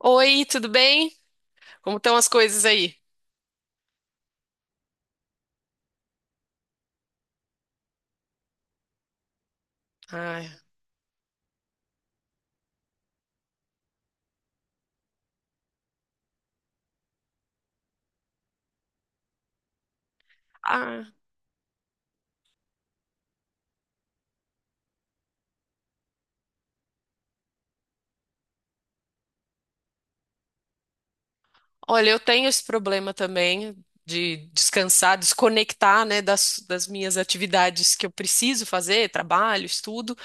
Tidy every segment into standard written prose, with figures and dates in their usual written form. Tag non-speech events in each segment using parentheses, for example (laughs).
Oi, tudo bem? Como estão as coisas aí? Ai, ah, olha, eu tenho esse problema também de descansar, desconectar, né, das minhas atividades que eu preciso fazer, trabalho, estudo.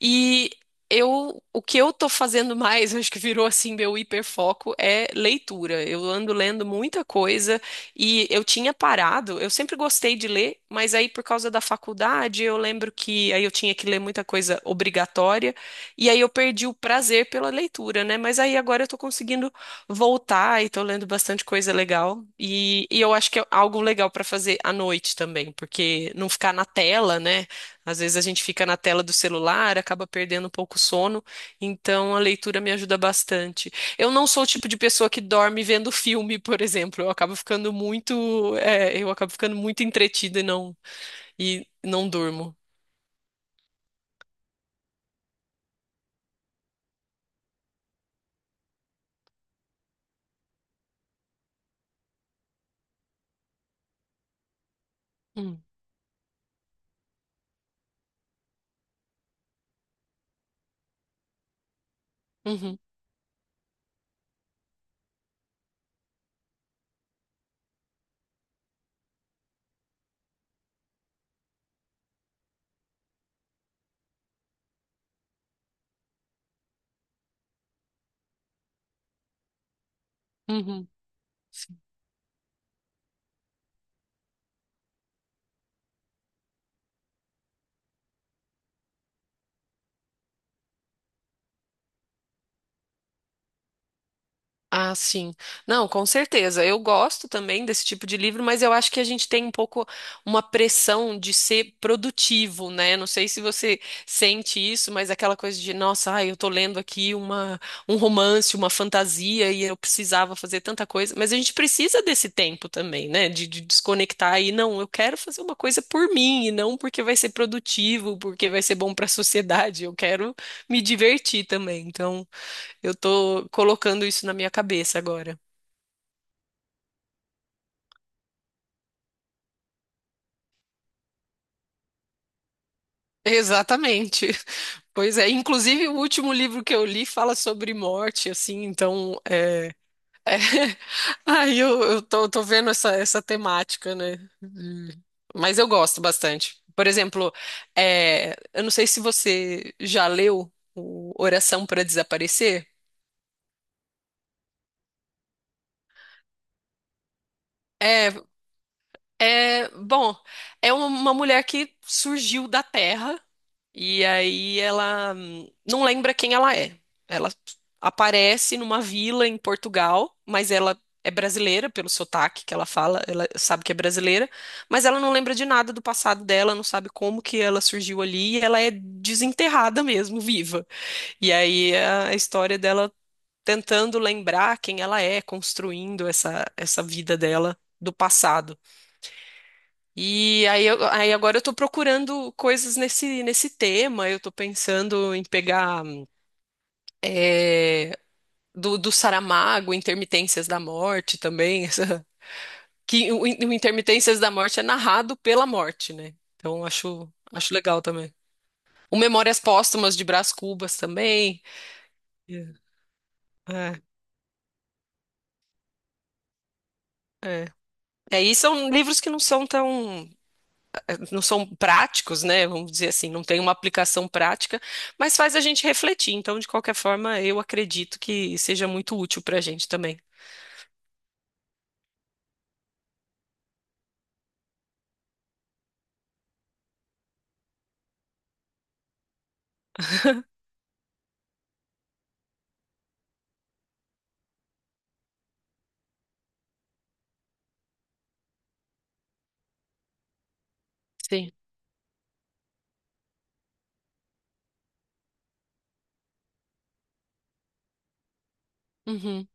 E o que eu tô fazendo mais, (laughs) acho que virou assim meu hiperfoco, é leitura. Eu ando lendo muita coisa e eu tinha parado, eu sempre gostei de ler, mas aí por causa da faculdade, eu lembro que aí eu tinha que ler muita coisa obrigatória e aí eu perdi o prazer pela leitura, né? Mas aí agora eu tô conseguindo voltar e tô lendo bastante coisa legal e eu acho que é algo legal pra fazer à noite também, porque não ficar na tela, né? Às vezes a gente fica na tela do celular, acaba perdendo um pouco o sono, então a leitura me ajuda bastante. Eu não sou o tipo de pessoa que dorme vendo filme, por exemplo. Eu acabo ficando muito, eu acabo ficando muito entretida e e não durmo. Hum, uhum, uhum. Ah, sim. Não, com certeza. Eu gosto também desse tipo de livro, mas eu acho que a gente tem um pouco uma pressão de ser produtivo, né? Não sei se você sente isso, mas aquela coisa de, nossa, ai, eu tô lendo aqui um romance, uma fantasia e eu precisava fazer tanta coisa. Mas a gente precisa desse tempo também, né? De desconectar e não, eu quero fazer uma coisa por mim e não porque vai ser produtivo, porque vai ser bom para a sociedade. Eu quero me divertir também. Então. Eu tô colocando isso na minha cabeça agora. Exatamente. (laughs) Pois é, inclusive o último livro que eu li fala sobre morte, assim, então é... (laughs) Aí eu tô vendo essa temática, né? Hum. Mas eu gosto bastante. Por exemplo, eu não sei se você já leu o Oração para Desaparecer. É. É, bom, é uma mulher que surgiu da Terra e aí ela não lembra quem ela é. Ela aparece numa vila em Portugal, mas ela é brasileira pelo sotaque que ela fala, ela sabe que é brasileira, mas ela não lembra de nada do passado dela, não sabe como que ela surgiu ali e ela é desenterrada mesmo, viva. E aí é a história dela tentando lembrar quem ela é, construindo essa vida dela do passado. E aí, agora eu tô procurando coisas nesse tema. Eu tô pensando em pegar é, do Saramago, Intermitências da Morte também. (laughs) O Intermitências da Morte é narrado pela morte, né? Então acho legal também. O Memórias Póstumas de Brás Cubas também. É, é. É. É, e são livros que não são tão. Não são práticos, né? Vamos dizer assim, não tem uma aplicação prática, mas faz a gente refletir. Então, de qualquer forma, eu acredito que seja muito útil para a gente também. Sim. Uhum.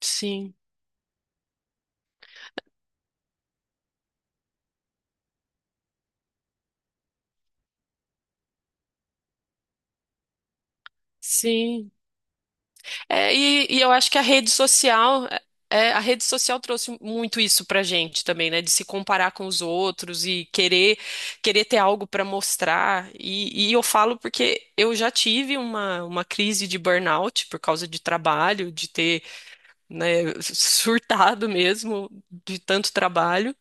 Sim. Sim. E eu acho que a rede social, a rede social trouxe muito isso pra gente também, né? De se comparar com os outros e querer ter algo para mostrar. E eu falo porque eu já tive uma crise de burnout por causa de trabalho, de ter né, surtado mesmo de tanto trabalho.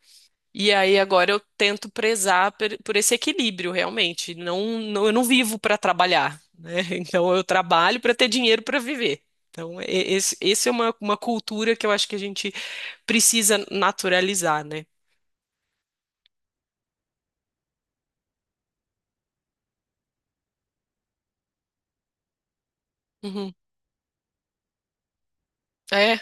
E aí agora eu tento prezar esse equilíbrio realmente. Não, não, eu não vivo para trabalhar, né? (laughs) Então eu trabalho para ter dinheiro para viver. Então, esse é uma cultura que eu acho que a gente precisa naturalizar, né? Uhum. É.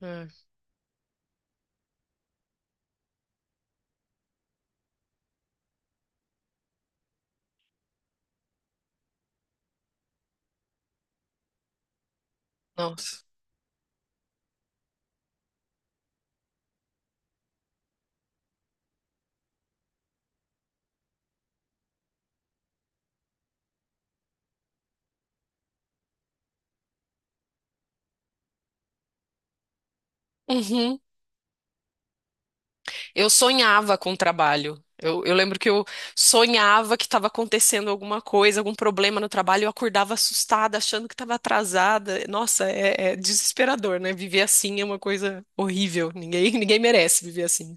É. Nossa. Uhum. Eu sonhava com o trabalho. Eu lembro que eu sonhava que estava acontecendo alguma coisa, algum problema no trabalho, eu acordava assustada, achando que estava atrasada. Nossa, é desesperador, né? Viver assim é uma coisa horrível. Ninguém, (laughs) ninguém merece viver assim.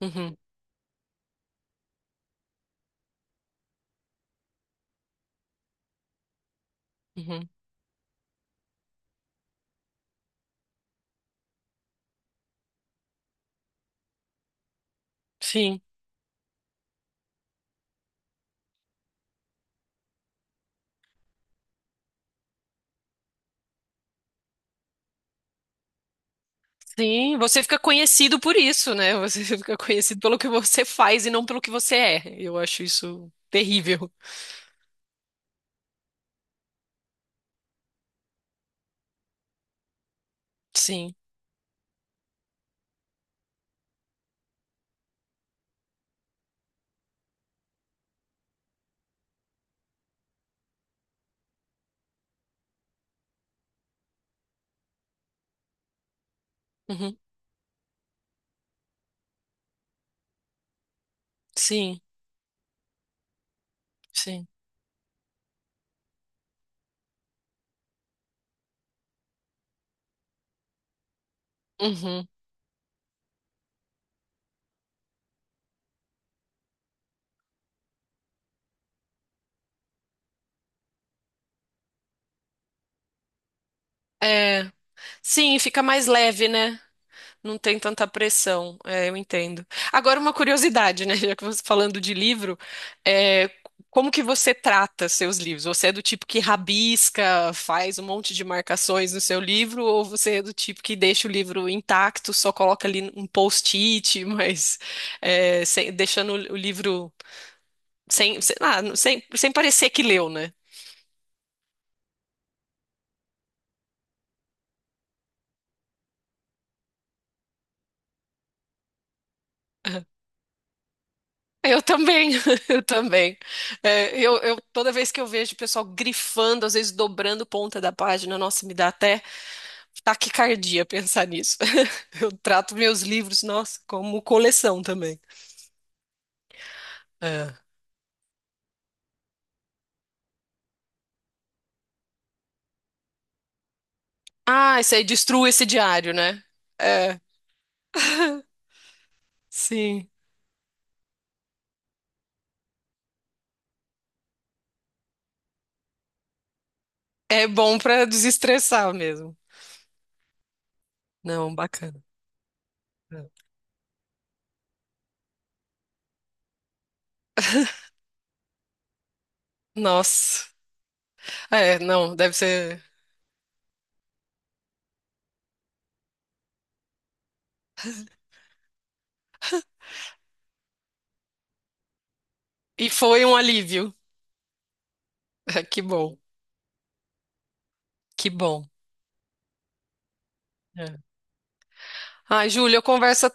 Uhum, uhum. Sim, sim. Você fica conhecido por isso, né? Você (laughs) fica conhecido pelo que você faz e não pelo que você é. Eu acho isso terrível. Sim, uhum, sim, sim. Uhum. É, sim, fica mais leve, né? Não tem tanta pressão, eu entendo. Agora, uma curiosidade, né? (laughs) Já que você tá falando de livro, é, como que você trata seus livros? Você é do tipo que rabisca, faz um monte de marcações no seu livro, ou você é do tipo que deixa o livro intacto, só coloca ali um post-it, (laughs) mas deixando o livro sem, sem, sem parecer que leu, né? Eu também, (laughs) eu também. Toda vez que eu vejo o pessoal grifando, às vezes dobrando ponta da página, nossa, me dá até taquicardia pensar nisso. (laughs) Eu trato meus livros, nossa, como coleção também. É. Ah, isso aí destrua esse diário, né? É, sim. É bom pra desestressar mesmo. Não, bacana. É. Nossa. É, não, deve ser. E foi um alívio. (laughs) Que bom, que bom. É. Ai, Júlia,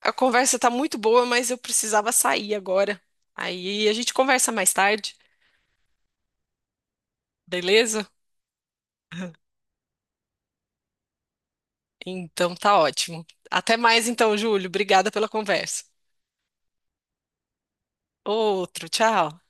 a conversa tá muito boa, mas eu precisava sair agora. Aí a gente conversa mais tarde, beleza? Então tá ótimo. Até mais então, Júlio. Obrigada pela conversa. Outro, tchau.